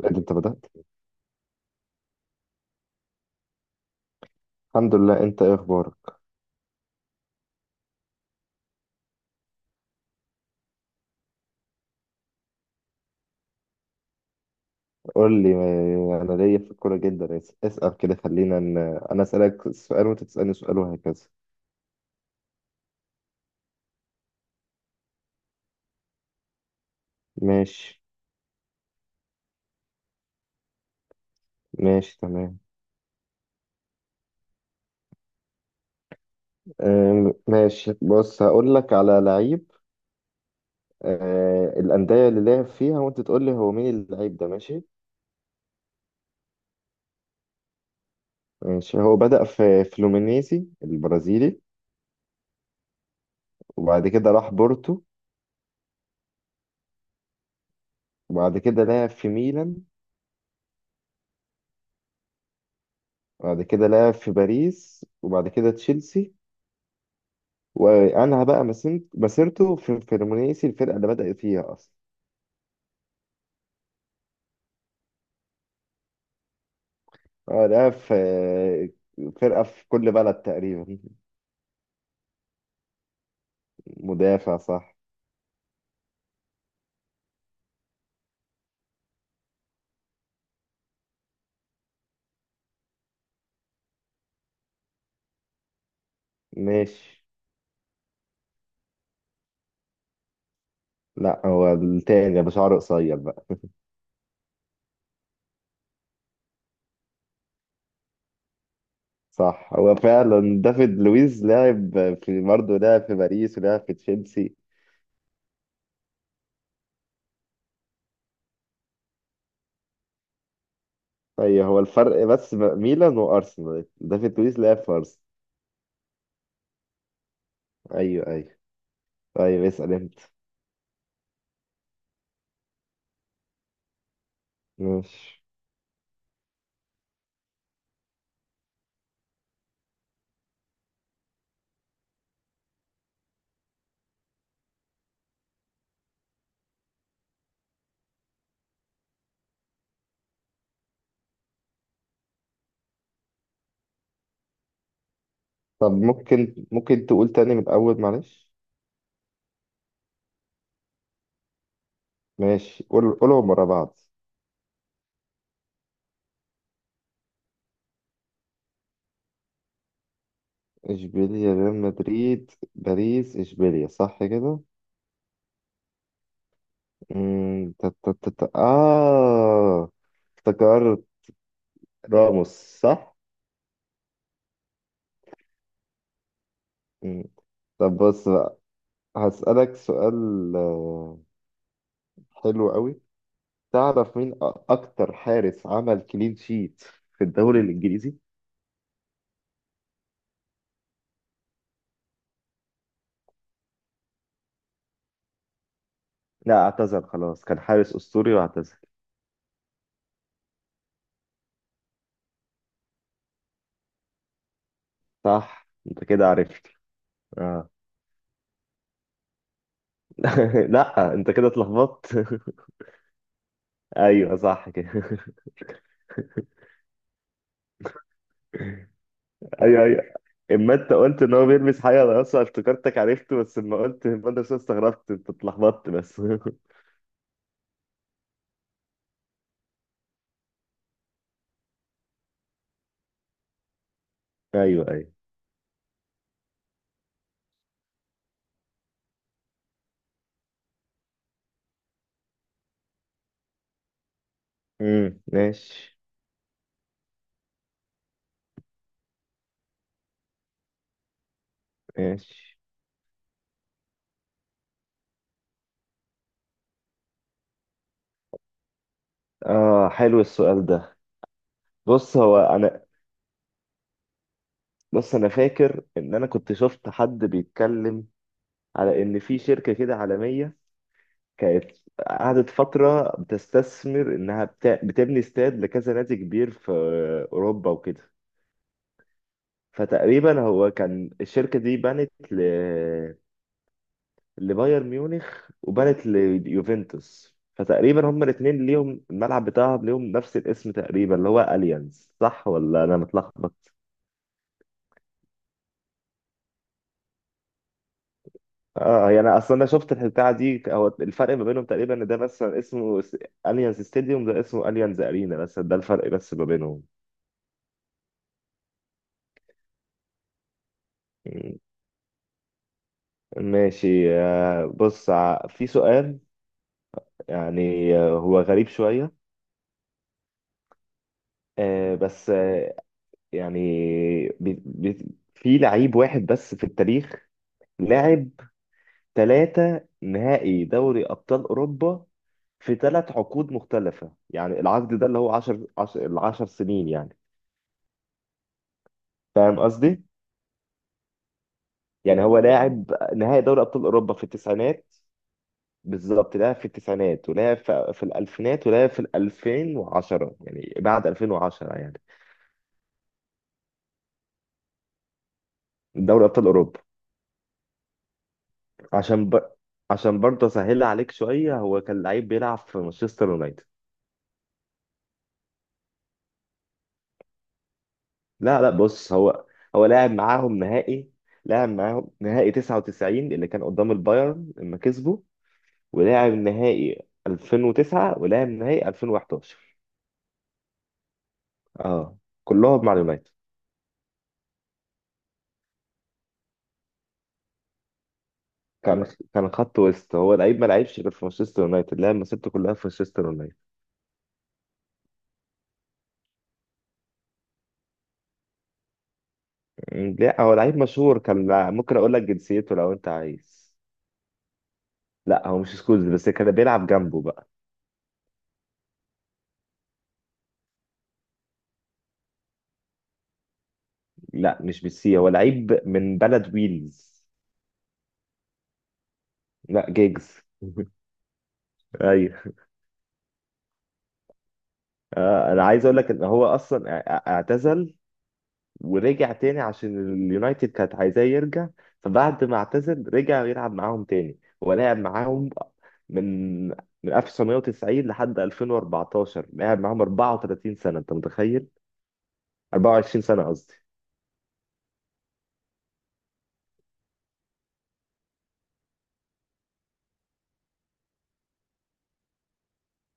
لا، ده انت بدأت. الحمد لله. انت ايه اخبارك؟ قول لي انا ليا في الكوره جدا. اسأل كده، خلينا ان انا اسألك سؤال وانت تسألني سؤال وهكذا. ماشي. ماشي تمام. ماشي، بص هقول لك على لعيب. الأندية اللي لعب فيها وانت تقول لي هو مين اللعيب ده. ماشي. ماشي، هو بدأ في فلومينيزي البرازيلي، وبعد كده راح بورتو، وبعد كده لعب في ميلان، وبعد كده لعب في باريس، وبعد كده تشيلسي، وانهى بقى مسيرته في فلومينيسي الفرقه اللي بدأ فيها اصلا. اه، ده في فرقه في كل بلد تقريبا. مدافع، صح. ماشي. لا، هو التاني ابو شعر قصير بقى. صح، هو فعلا دافيد لويز. لاعب في، برضه لاعب في باريس ولاعب في تشيلسي. ايوه، هو الفرق بس ميلان وارسنال، دافيد لويز لاعب في ارسنال. ايوه ايوه. طيب، اسال انت. ماشي. طب ممكن تقول تاني من الاول، معلش. ماشي، قولهم ورا بعض. اشبيليا، ريال مدريد، باريس، اشبيليا. صح كده؟ مم، تا- تا- تا- تا- اه افتكرت. راموس. صح. مم. طب بص بقى، هسألك سؤال، حلو قوي. تعرف مين اكتر حارس عمل كلين شيت في الدوري الانجليزي؟ لا، اعتزل خلاص. كان حارس اسطوري واعتزل. صح، انت كده عرفت. آه. لا، انت كده اتلخبطت. ايوه، صح كده. ايوه. اما انت قلت ان هو بيلبس حاجه رقاصه افتكرتك عرفته، بس اما قلت المدرسه استغربت، انت اتلخبطت بس. ايوه ايوه. ماشي. ماشي. اه، حلو السؤال ده. بص هو انا بص انا فاكر ان انا كنت شفت حد بيتكلم على ان في شركه كده عالميه، كانت قعدت فتره بتستثمر انها بتبني استاد لكذا نادي كبير في اوروبا وكده. فتقريبا هو، كان الشركه دي بنت لبايرن ميونخ وبانت ليوفنتوس، فتقريبا هما الاثنين ليهم الملعب بتاعهم، ليهم نفس الاسم تقريبا، اللي هو اليانز. صح ولا انا متلخبط؟ اه، يعني انا اصلا انا شفت البتاعه دي. هو الفرق ما بينهم تقريبا ان ده مثلا اسمه اليانز ستاديوم، ده اسمه اليانز ارينا، بس ده الفرق بس ما بينهم. ماشي، بص في سؤال يعني، هو غريب شويه، آه، بس آه، يعني بي- بي- في لعيب واحد بس في التاريخ لاعب ثلاثة نهائي دوري أبطال أوروبا في ثلاث عقود مختلفة. يعني العقد ده اللي هو 10، 10، العشر سنين يعني. فاهم قصدي؟ يعني هو لاعب نهائي دوري أبطال أوروبا في التسعينات. بالظبط، لاعب في التسعينات، ولاعب في الألفينات، ولاعب في 2010 يعني بعد 2010 يعني. دوري أبطال أوروبا. عشان ب... عشان برضه أسهلها عليك شوية. هو كان لعيب بيلعب في مانشستر يونايتد. لا لا، بص، هو لعب معاهم نهائي 99 اللي كان قدام البايرن لما كسبوا، ولعب نهائي 2009، ولعب نهائي 2011. اه، كلهم مع اليونايتد. كان كان خط وسط. هو لعيب ما لعبش غير في مانشستر يونايتد، لعب مسيرته كلها في مانشستر يونايتد. لا، هو لعيب مشهور. كان ممكن اقول لك جنسيته لو انت عايز. لا، هو مش سكولز، بس كان بيلعب جنبه بقى. لا، مش بالسي، هو لعيب من بلد ويلز. لا، جيجز. ايوه. انا عايز اقول لك ان هو اصلا اعتزل ورجع تاني عشان اليونايتد كانت عايزاه يرجع، فبعد ما اعتزل رجع يلعب معاهم تاني. هو لعب معاهم من من 1990 لحد 2014، لعب معاهم 34 سنة انت متخيل، 24 سنة قصدي.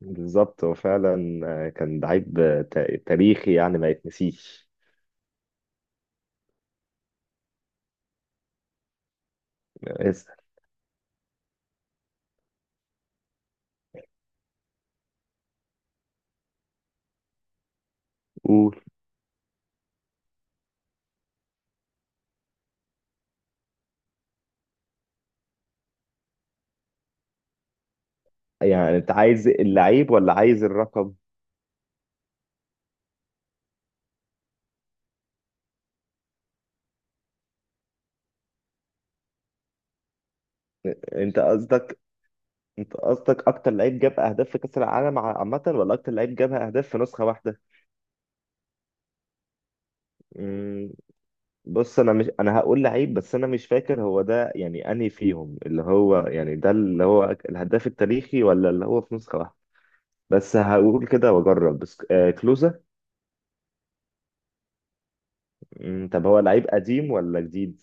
بالظبط، هو فعلا كان لعيب تاريخي يعني ما يتنسيش. اسأل. قول. يعني انت عايز اللعيب ولا عايز الرقم؟ انت قصدك انت قصدك اكتر لعيب جاب اهداف في كاس العالم عامه ولا اكتر لعيب جاب اهداف في نسخه واحده؟ مم، بص، انا مش انا هقول لعيب، بس انا مش فاكر هو ده يعني انهي فيهم، اللي هو يعني ده اللي هو الهداف التاريخي ولا اللي هو في نسخه واحده. بس هقول كده واجرب، بس آه، كلوزا. طب هو لعيب قديم ولا جديد؟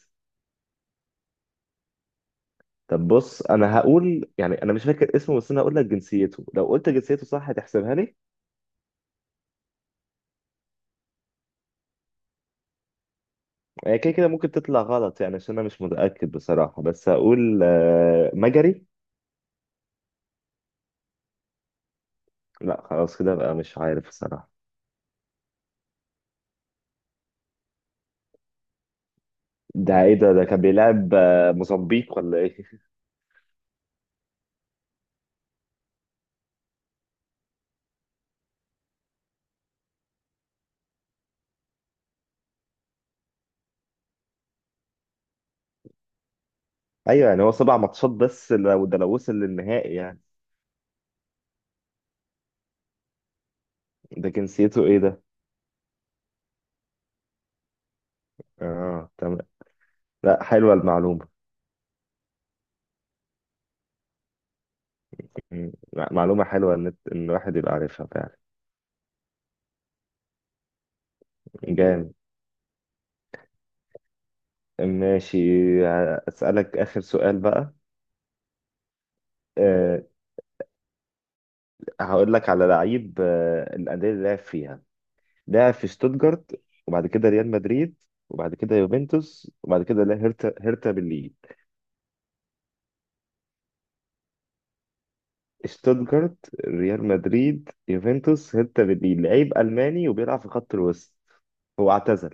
طب بص، انا هقول يعني، انا مش فاكر اسمه بس انا هقول لك جنسيته، لو قلت جنسيته صح هتحسبها لي؟ هي كده كده ممكن تطلع غلط يعني عشان انا مش متاكد بصراحه، بس هقول آه مجري. لا خلاص كده بقى مش عارف الصراحة. ده ايه ده؟ ده كان بيلعب موزمبيق ولا ايه؟ ايوه يعني هو سبع ماتشات بس، لو ده لو وصل للنهائي يعني. ده جنسيته ايه ده؟ اه تمام. لا، حلوة المعلومة. لا، معلومة حلوة ان ان الواحد يبقى عارفها فعلا. جامد. ماشي، اسألك اخر سؤال بقى. أه، هقول لك على لعيب. أه، الأندية اللي لعب فيها: لعب في شتوتجارت، وبعد كده ريال مدريد، وبعد كده يوفنتوس، وبعد كده لا، هيرتا، بالليج. شتوتجارت، ريال مدريد، يوفنتوس، هيرتا برلين. لعيب ألماني وبيلعب في خط الوسط. هو اعتزل.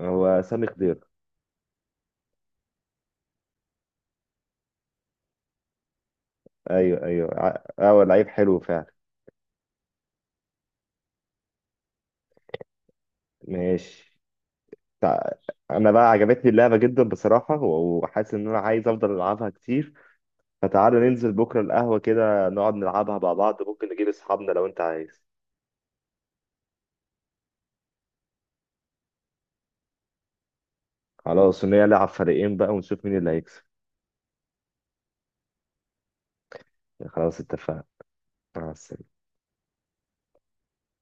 هو سامي خضير. ايوه ايوه هو لعيب حلو فعلا. ماشي. تع- انا بقى عجبتني اللعبه جدا بصراحه، وحاسس ان انا عايز افضل العبها كتير. فتعالى ننزل بكره القهوه كده نقعد نلعبها مع بعض، ممكن نجيب اصحابنا لو انت عايز. خلاص، ونلعب فريقين بقى ونشوف مين اللي هيكسب. خلاص اتفقنا. مع السلامه.